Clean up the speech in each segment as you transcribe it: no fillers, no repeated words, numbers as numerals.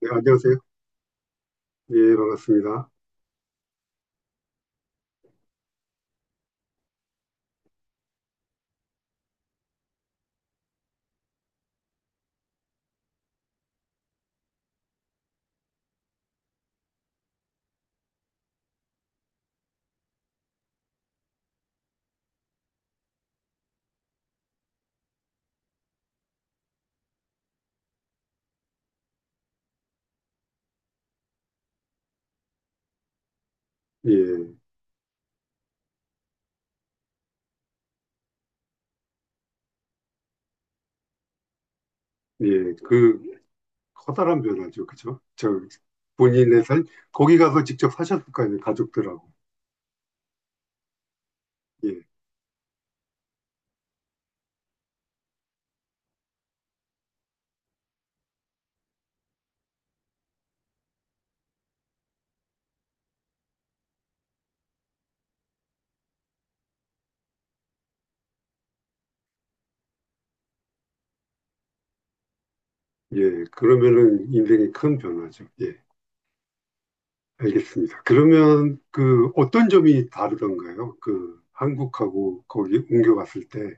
네, 안녕하세요. 예, 반갑습니다. 예, 예, 그 커다란 변화죠, 그죠? 저 본인의 살 거기 가서 직접 사셨을 거 아니에요, 가족들하고. 예, 예, 그러면은 인생이 큰 변화죠. 예, 알겠습니다. 그러면 그 어떤 점이 다르던가요? 그 한국하고 거기 옮겨갔을 때,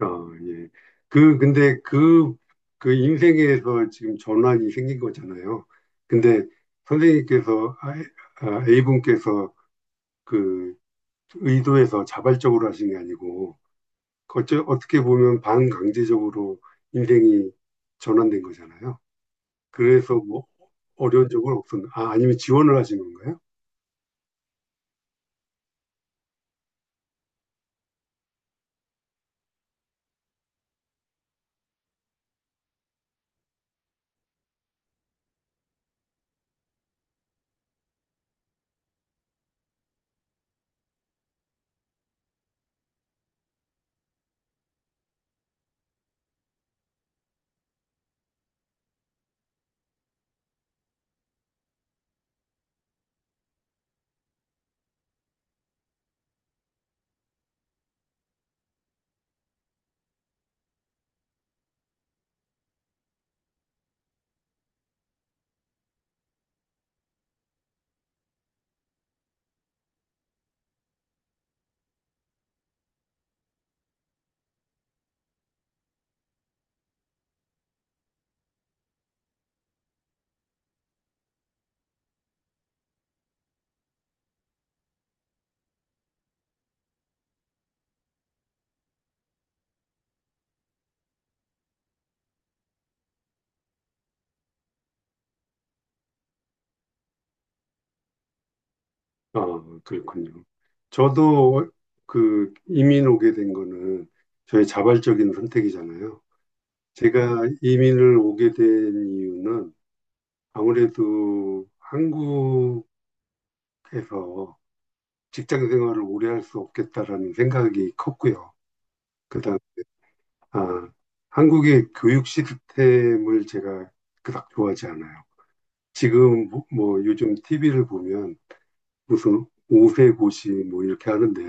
어, 예. 그, 근데 그, 그 인생에서 지금 전환이 생긴 거잖아요. 근데 선생님께서, 아, 아, A분께서 그 의도해서 자발적으로 하신 게 아니고, 어째, 어떻게 보면 반강제적으로 인생이 전환된 거잖아요. 그래서 뭐 어려운 적은 없었나? 아, 아니면 지원을 하신 건가요? 아, 그렇군요. 저도 그 이민 오게 된 거는 저의 자발적인 선택이잖아요. 제가 이민을 오게 된 이유는 아무래도 한국에서 직장 생활을 오래 할 수 없겠다라는 생각이 컸고요. 그다음에 아, 한국의 교육 시스템을 제가 그닥 좋아하지 않아요. 지금 뭐 요즘 TV를 보면 무슨 오세고시 뭐 이렇게 하는데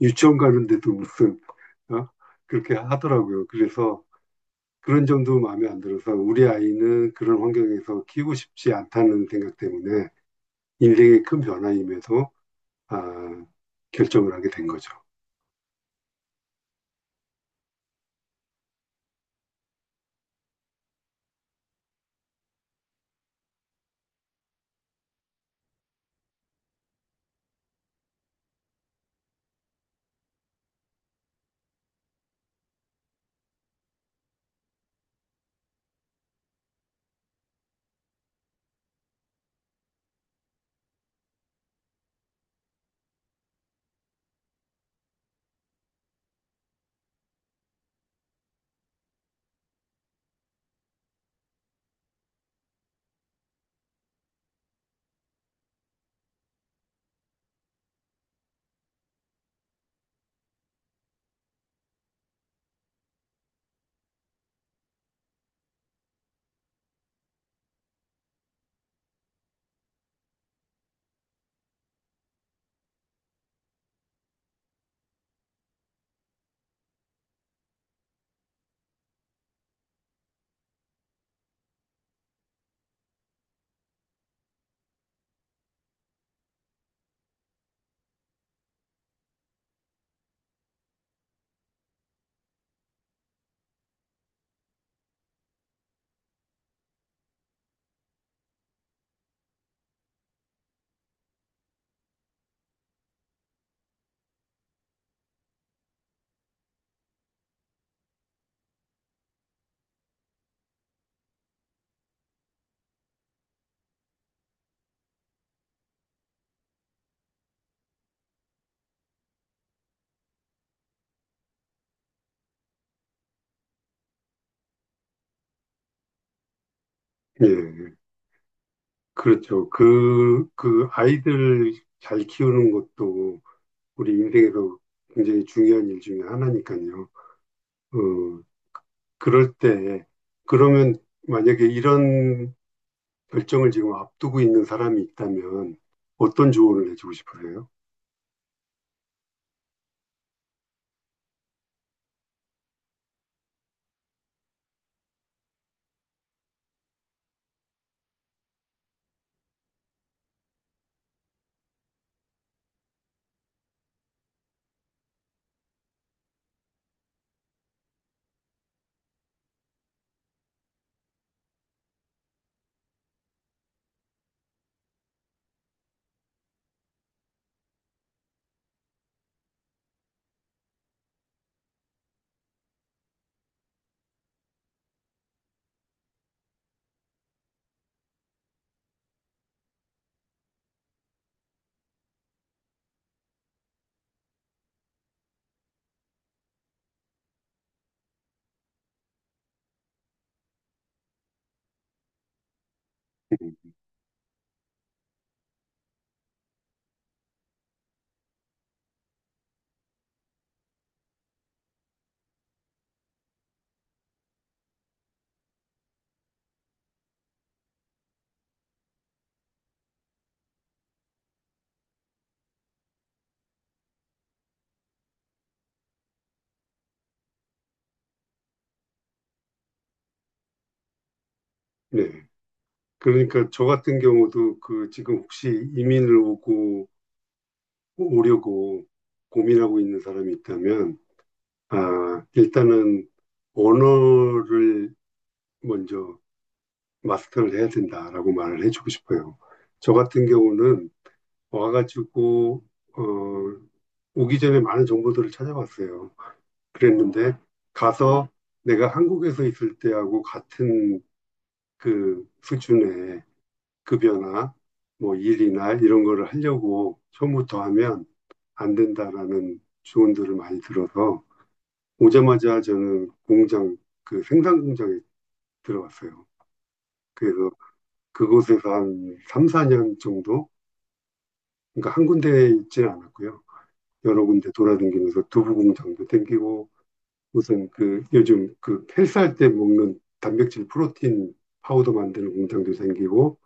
유치원 가는데도 무슨 어? 그렇게 하더라고요. 그래서 그런 점도 마음에 안 들어서 우리 아이는 그런 환경에서 키우고 싶지 않다는 생각 때문에 인생의 큰 변화임에도 아, 결정을 하게 된 거죠. 예, 그렇죠. 그, 그 아이들 잘 키우는 것도 우리 인생에서 굉장히 중요한 일 중에 하나니까요. 어, 그럴 때, 그러면 만약에 이런 결정을 지금 앞두고 있는 사람이 있다면 어떤 조언을 해주고 싶으세요? 네. 그러니까 저 같은 경우도 그 지금 혹시 이민을 오고 오려고 고민하고 있는 사람이 있다면 아, 일단은 언어를 먼저 마스터를 해야 된다라고 말을 해주고 싶어요. 저 같은 경우는 와가지고 어, 오기 전에 많은 정보들을 찾아봤어요. 그랬는데 가서 내가 한국에서 있을 때하고 같은 그 수준의 급여나 뭐 일이나 이런 거를 하려고 처음부터 하면 안 된다라는 조언들을 많이 들어서 오자마자 저는 공장 그 생산 공장에 들어갔어요. 그래서 그곳에서 한 3, 4년 정도 그러니까 한 군데에 있지는 않았고요. 여러 군데 돌아다니면서 두부 공장도 땡기고 무슨 그 요즘 그 헬스할 때 먹는 단백질 프로틴 파우더 만드는 공장도 생기고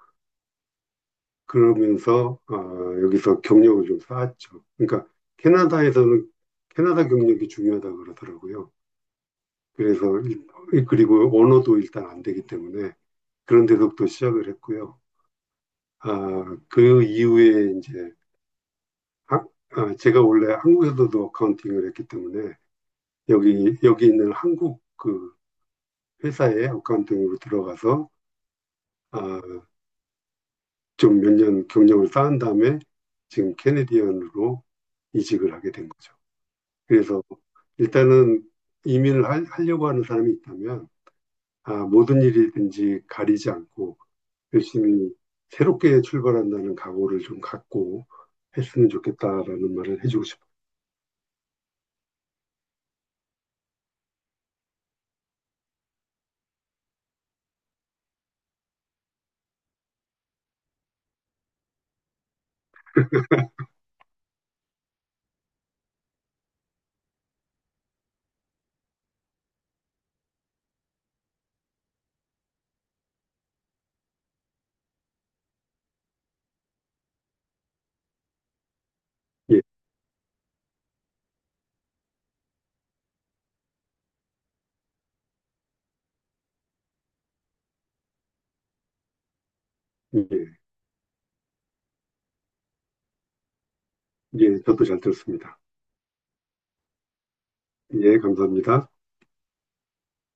그러면서 어, 여기서 경력을 좀 쌓았죠. 그러니까 캐나다에서는 캐나다 경력이 중요하다 그러더라고요. 그래서 일- 그리고 언어도 일단 안 되기 때문에 그런 데서부터 시작을 했고요. 아, 그 이후에 이제 하- 아, 제가 원래 한국에서도 어카운팅을 했기 때문에 여기 있는 한국 그 회사의 어카운팅으로 들어가서 아, 좀 몇 년 경력을 쌓은 다음에 지금 캐네디언으로 이직을 하게 된 거죠. 그래서 일단은 이민을 하려고 하는 사람이 있다면 아, 모든 일이든지 가리지 않고 열심히 새롭게 출발한다는 각오를 좀 갖고 했으면 좋겠다라는 말을 해주고 싶어요. 예, 예, 예, 저도 잘 들었습니다. 예, 감사합니다.